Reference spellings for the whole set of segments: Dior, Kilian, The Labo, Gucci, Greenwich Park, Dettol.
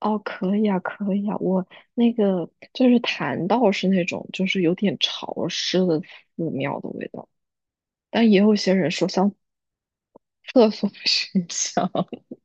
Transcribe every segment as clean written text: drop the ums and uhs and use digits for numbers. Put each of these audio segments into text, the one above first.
哦，可以啊，可以啊，我那个就是檀道是那种就是有点潮湿的寺庙的味道，但也有些人说像厕所的熏香。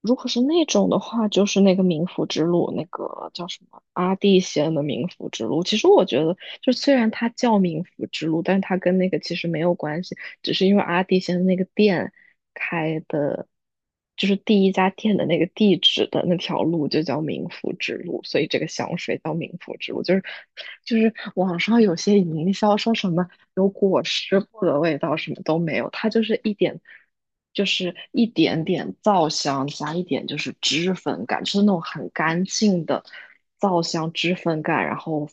如果是那种的话，就是那个冥府之路，那个叫什么阿蒂仙的冥府之路。其实我觉得，就虽然它叫冥府之路，但它跟那个其实没有关系，只是因为阿蒂仙的那个殿。就是第一家店的那个地址的那条路就叫民福之路，所以这个香水叫民福之路。就是网上有些营销说什么有果尸布的味道，什么都没有，它就是一点就是一点点皂香加一点就是脂粉感，就是那种很干净的皂香脂粉感。然后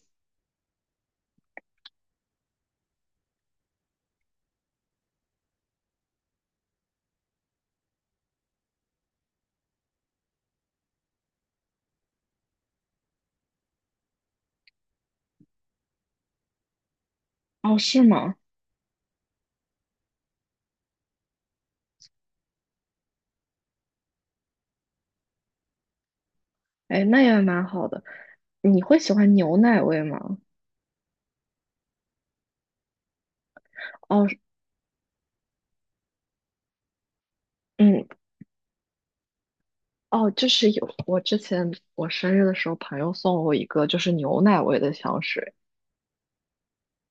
哦，是吗？哎，那也蛮好的。你会喜欢牛奶味吗？哦，嗯，哦，就是有我之前我生日的时候，朋友送了我一个就是牛奶味的香水，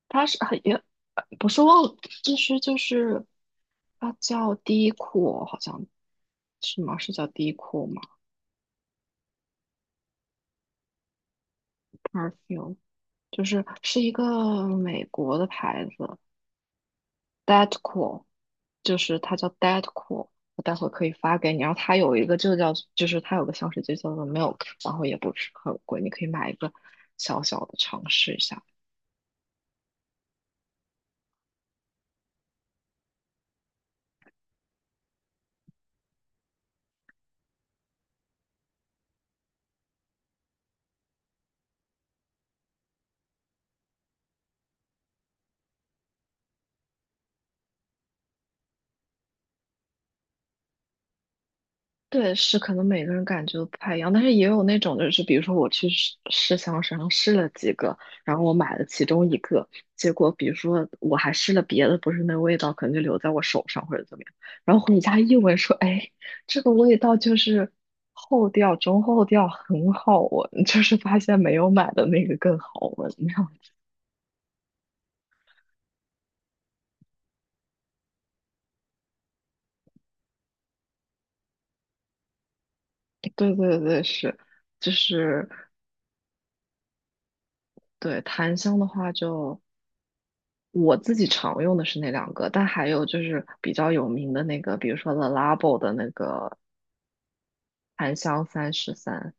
它是很也不是忘了，就是它叫 Dior，好像是吗？是叫 Dior 吗？Perfume 就是是一个美国的牌子 d e a d c o o l 就是它叫 Dettol，a 我待会可以发给你。然后它有一个就叫就是它有个香水就叫做 Milk，然后也不是很贵，你可以买一个小小的尝试一下。对，是可能每个人感觉都不太一样，但是也有那种就是，比如说我去试试香水上试了几个，然后我买了其中一个，结果比如说我还试了别的，不是那味道可能就留在我手上或者怎么样，然后回家一闻说，哎，这个味道就是后调中后调很好闻，就是发现没有买的那个更好闻，那样。对对对，是，就是对檀香的话就。我自己常用的是那两个，但还有就是比较有名的那个，比如说 The Labo 的那个檀香33，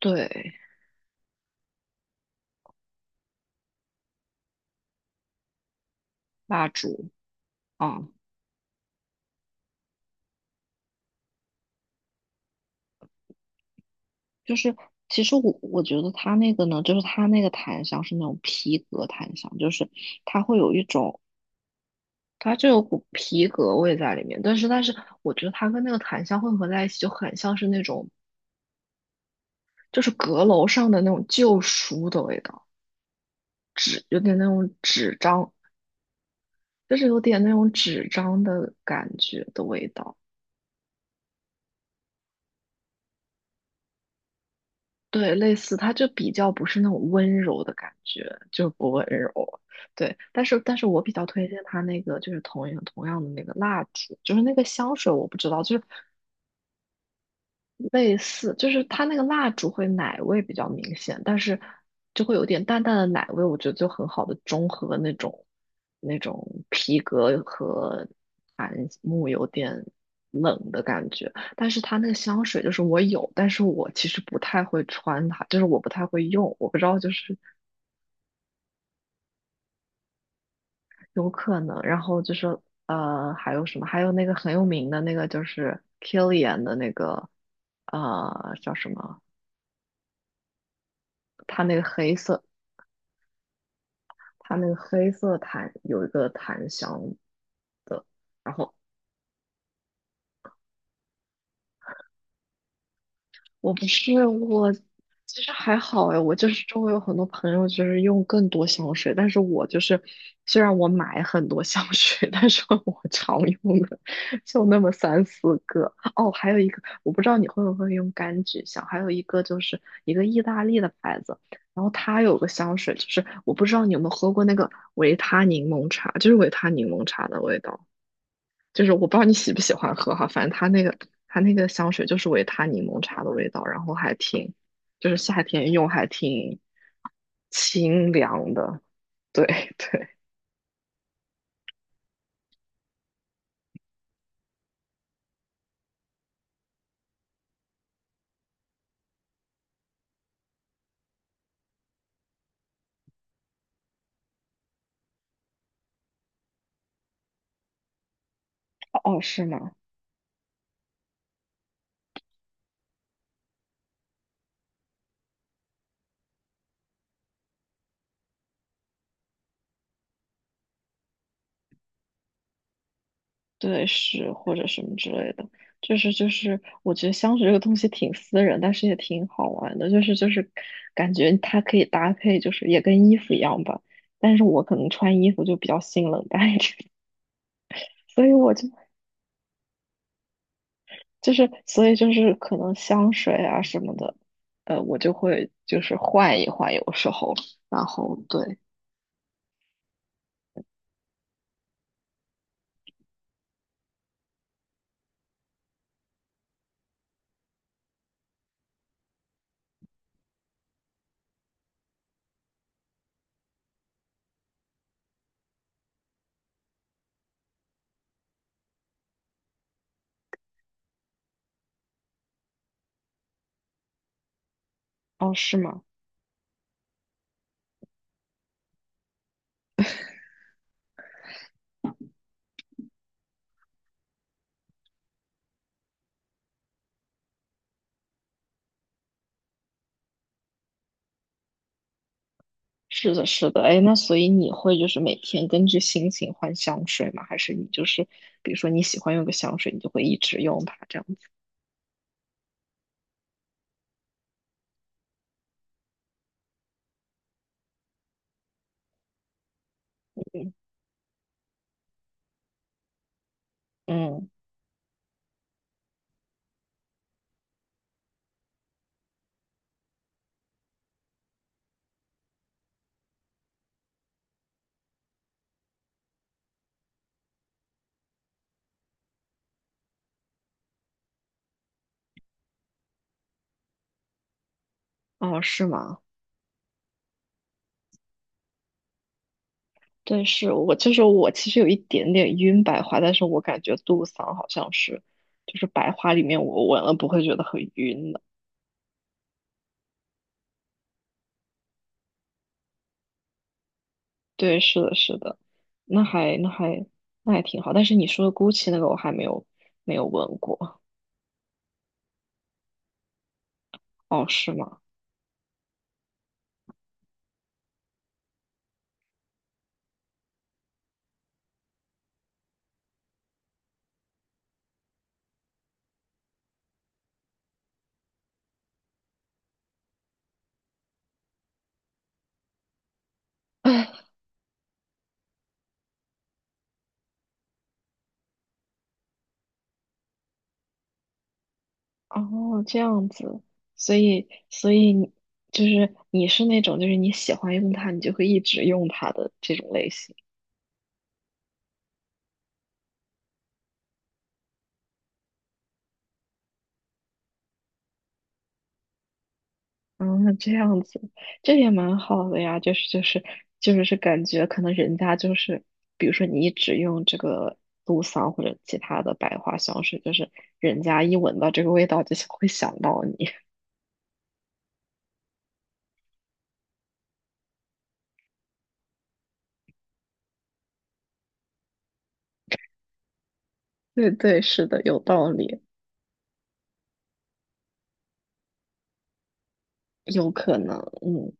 对，蜡烛啊，就是其实我觉得它那个呢，就是它那个檀香是那种皮革檀香，就是它会有一种它就有股皮革味在里面，但是我觉得它跟那个檀香混合在一起，就很像是那种就是阁楼上的那种旧书的味道，纸有点那种纸张就是有点那种纸张的感觉的味道，对，类似，它就比较不是那种温柔的感觉，就不温柔，对。但是，但是我比较推荐它那个，就是同样同样的那个蜡烛，就是那个香水，我不知道，就是类似，就是它那个蜡烛会奶味比较明显，但是就会有点淡淡的奶味，我觉得就很好的中和那种那种皮革和檀木有点冷的感觉。但是它那个香水就是我有，但是我其实不太会穿它，就是我不太会用，我不知道就是有可能。然后就是还有什么？还有那个很有名的那个就是 Kilian 的那个叫什么？它那个黑色。它那个黑色檀有一个檀香的，然后我不是我，其实还好哎，我就是周围有很多朋友就是用更多香水，但是我就是虽然我买很多香水，但是 我常用的就那么三四个。哦，还有一个我不知道你会不会用柑橘香，还有一个就是一个意大利的牌子。然后它有个香水，就是我不知道你有没有喝过那个维他柠檬茶，就是维他柠檬茶的味道。就是我不知道你喜不喜欢喝哈，反正它那个它那个香水就是维他柠檬茶的味道，然后还挺，就是夏天用还挺清凉的。对 对，哦，是吗？对，是或者什么之类的，就是，我觉得香水这个东西挺私人，但是也挺好玩的，就是感觉它可以搭配，就是也跟衣服一样吧。但是我可能穿衣服就比较性冷淡一点，所以我就就是所以就是可能香水啊什么的，我就会就是换一换，有时候，然后对，哦，是吗？是的，是的，哎，那所以你会就是每天根据心情换香水吗？还是你就是比如说你喜欢用个香水，你就会一直用它这样子？嗯，哦，是吗？对，是我就是我其实有一点点晕白花，但是我感觉杜桑好像是就是白花里面我闻了不会觉得很晕的。对，是的，是的，那还那还那还挺好。但是你说的 Gucci 那个我还没有闻过。哦，是吗？哦，这样子，所以你就是你是那种就是你喜欢用它，你就会一直用它的这种类型。嗯，这样子，这也蛮好的呀。就是是感觉可能人家就是，比如说你一直用这个杜桑或者其他的百花香水，就是人家一闻到这个味道就想会想到你。对对，是的，有道理，有可能。嗯，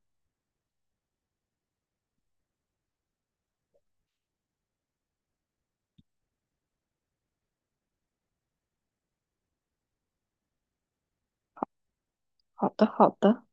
好的好的。